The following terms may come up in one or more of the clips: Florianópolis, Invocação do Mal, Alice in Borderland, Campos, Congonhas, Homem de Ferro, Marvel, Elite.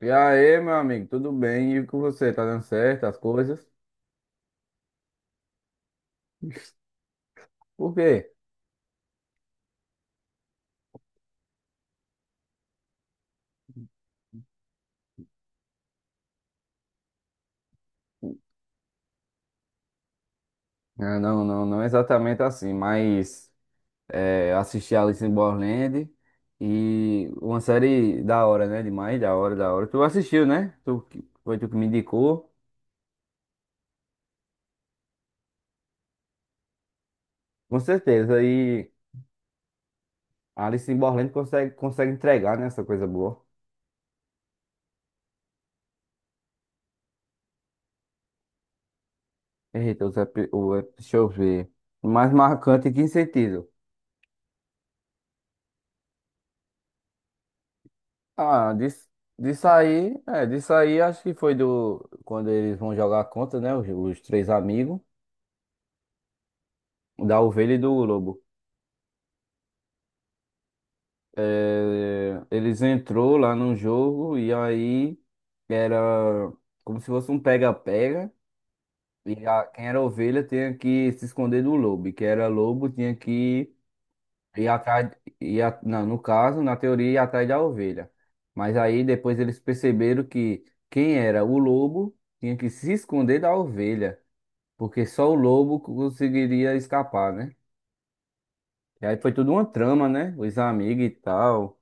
E aí, meu amigo, tudo bem? E com você? Tá dando certo as coisas? Por quê? Ah, não exatamente assim, mas assisti Alice in Borderland e uma série da hora, né? Demais, da hora, da hora. Tu assistiu, né? Foi tu que me indicou, com certeza. E Alice in Borderland consegue entregar, né? Essa coisa boa. Eita, os epi- o, epi- deixa eu ver. Mais marcante em que sentido? Ah, disso, disso aí acho que foi do quando eles vão jogar contra, né? Os três amigos, da ovelha e do lobo. É, eles entrou lá no jogo e aí era como se fosse um pega-pega. E quem era ovelha tinha que se esconder do lobo. E quem era lobo tinha que. E atrás, e não, no caso, na teoria, ia atrás da ovelha. Mas aí depois eles perceberam que quem era o lobo tinha que se esconder da ovelha, porque só o lobo conseguiria escapar, né? E aí foi tudo uma trama, né? Os amigos e tal.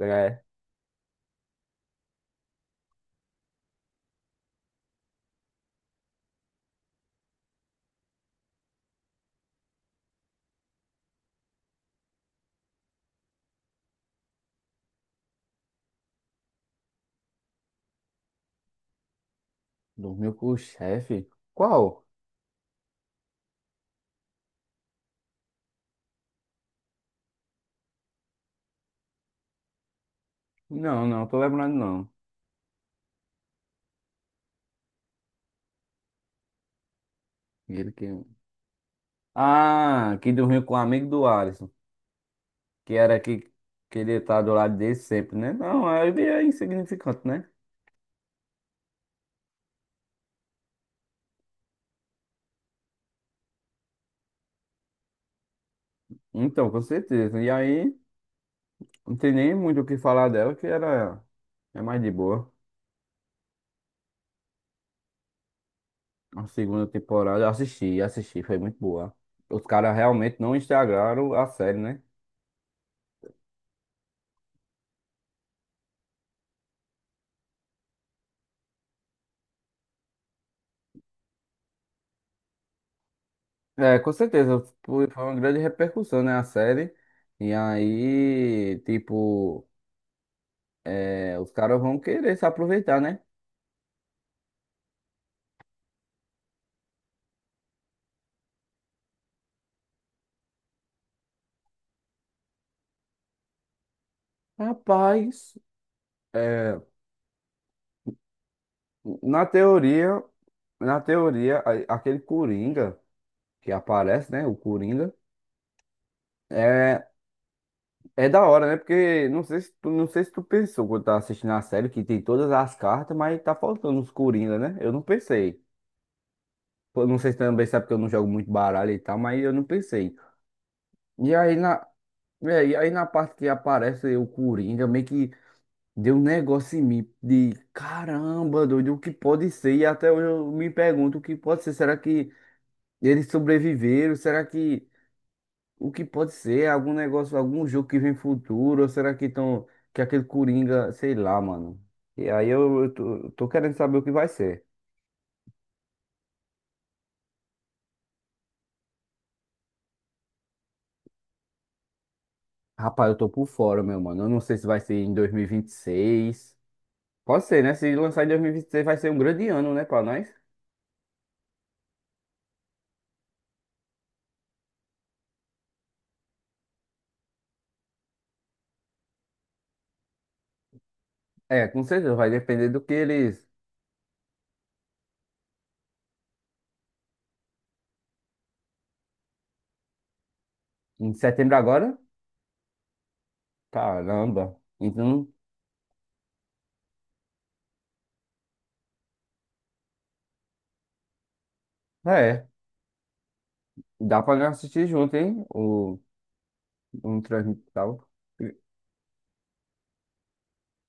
É, dormiu com o chefe. Qual? Não, não tô lembrando não. Ele que... Ah, que dormiu com o amigo do Alisson, que era que, que ele tá do lado dele sempre, né? Não, aí é insignificante, né? Então, com certeza. E aí, não tem nem muito o que falar dela, que era é mais de boa. A segunda temporada, eu assisti, foi muito boa. Os caras realmente não estragaram a série, né? É, com certeza, foi uma grande repercussão, né, a série. E aí, tipo, é, os caras vão querer se aproveitar, né? Rapaz, é, na teoria, aquele Coringa que aparece, né, o Coringa, é. É da hora, né? Porque não sei se tu, não sei se tu pensou quando tá assistindo a série que tem todas as cartas, mas tá faltando os Coringa, né? Eu não pensei. Eu não sei se também sabe que eu não jogo muito baralho e tal, mas eu não pensei. E aí na, e aí na parte que aparece o Coringa, meio que deu um negócio em mim de caramba, doido, o que pode ser? E até hoje eu me pergunto o que pode ser. Será que eles sobreviveram? Será que o que pode ser? Algum negócio, algum jogo que vem futuro? Ou será que estão. Que aquele Coringa, sei lá, mano. E aí eu tô querendo saber o que vai ser. Rapaz, eu tô por fora, meu mano. Eu não sei se vai ser em 2026. Pode ser, né? Se lançar em 2026 vai ser um grande ano, né, pra nós? É, com certeza. Vai depender do que eles. Em setembro agora? Caramba. Então, é. Dá pra nós assistir junto, hein? O, um transmissão.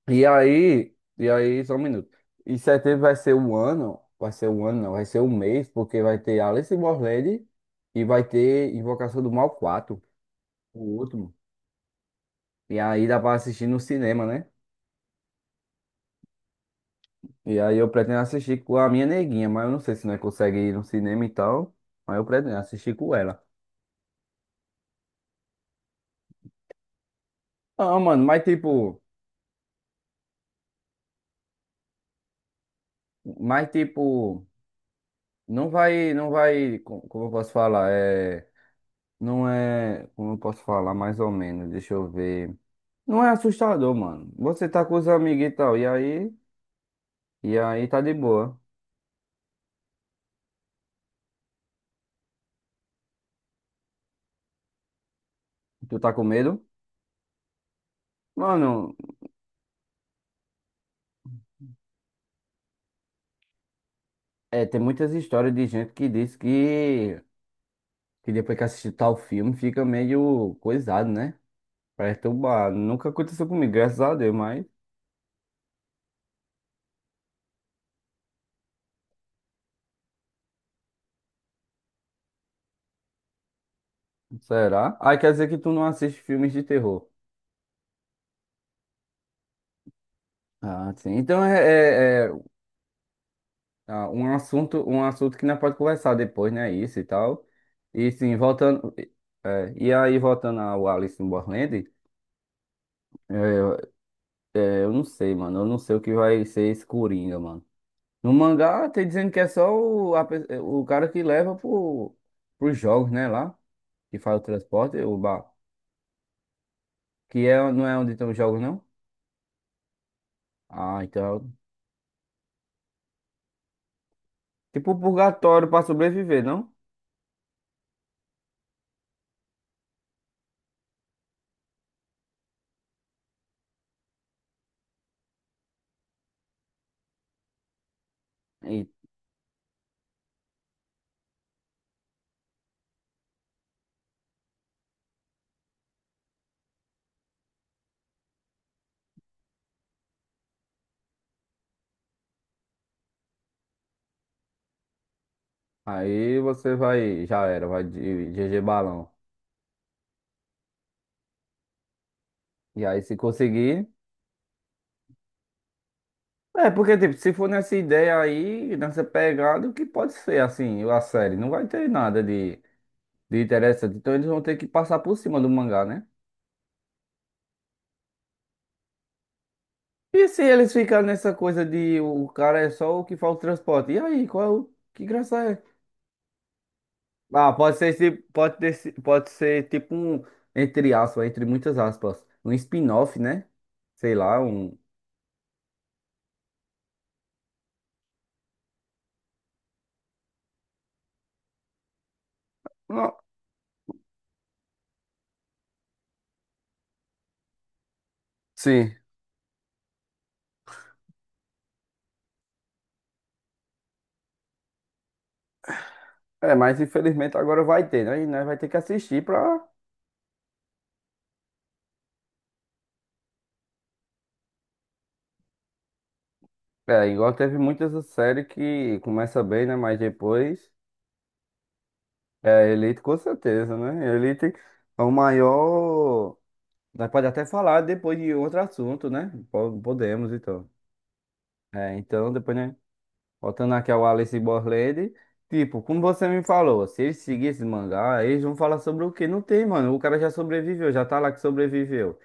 Só um minuto. E setembro vai ser o ano, vai ser o ano, não, vai ser o mês, porque vai ter Alice in Borderland e vai ter Invocação do Mal 4 o último. E aí dá pra assistir no cinema, né? E aí eu pretendo assistir com a minha neguinha, mas eu não sei se nós consegue ir no cinema e tal. Mas eu pretendo assistir com ela. Ah, mano, mas tipo, não vai, não vai, co- como eu posso falar? É, não é, como eu posso falar mais ou menos, deixa eu ver. Não é assustador, mano. Você tá com os amigos e tal, e aí tá de boa. Tu tá com medo? Mano, é, tem muitas histórias de gente que diz que depois que assiste tal filme fica meio coisado, né? Perturbado. Nunca aconteceu comigo, graças a Deus, mas será? Ah, quer dizer que tu não assiste filmes de terror. Ah, sim. Ah, um assunto que não pode conversar depois, né? Isso e tal. E sim, voltando. É, e aí, voltando ao Alice in Borderland. É, eu não sei, mano. Eu não sei o que vai ser esse Coringa, mano. No mangá, tem dizendo que é só o cara que leva pro, pros jogos, né? Lá, que faz o transporte, o bar. Que é, não é onde tem os jogos, não? Ah, então. Tipo o purgatório pra sobreviver, não? E aí você vai. Já era, vai de GG balão. E aí, se conseguir. É, porque, tipo, se for nessa ideia aí, nessa pegada, o que pode ser, assim, a série? Não vai ter nada de interessante. Então eles vão ter que passar por cima do mangá, né? E se eles ficarem nessa coisa de o cara é só o que faz o transporte? E aí, qual é o... que graça é? Ah, pode ser, pode ser tipo um, entre aspas, entre muitas aspas, um spin-off, né? Sei lá, um. Não, sim. É, mas infelizmente agora vai ter, né? E nós vai ter que assistir pra. É, igual teve muitas séries que começa bem, né? Mas depois. É, Elite com certeza, né? Elite é o maior. Nós pode até falar depois de outro assunto, né? Podemos, então. É, então, depois, né? Voltando aqui ao Alice Borland, tipo, como você me falou, se eles seguirem esse mangá, eles vão falar sobre o quê? Não tem, mano. O cara já sobreviveu, já tá lá que sobreviveu.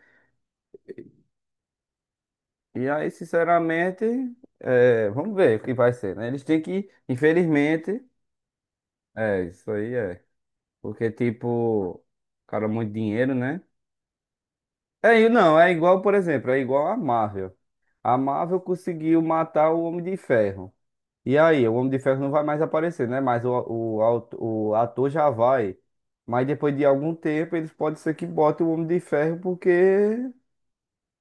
E aí, sinceramente, é, vamos ver o que vai ser, né? Eles têm que, infelizmente, é, isso aí é. Porque, tipo, cara, é muito dinheiro, né? É, e não, é igual, por exemplo, é igual a Marvel. A Marvel conseguiu matar o Homem de Ferro. E aí, o Homem de Ferro não vai mais aparecer, né? Mas o ator já vai. Mas depois de algum tempo, eles podem ser que botem o Homem de Ferro, porque,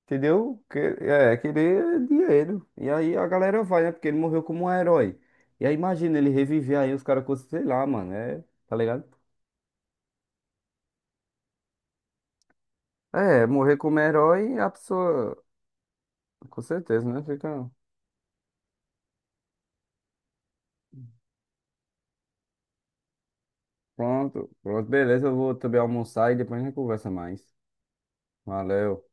entendeu? Que, é, querer dinheiro. E aí a galera vai, né? Porque ele morreu como um herói. E aí imagina ele reviver aí, os caras, com- sei lá, mano, é, tá ligado? É, morrer como herói, a pessoa, com certeza, né? Fica pronto, pronto, beleza. Eu vou também almoçar e depois a gente conversa mais. Valeu.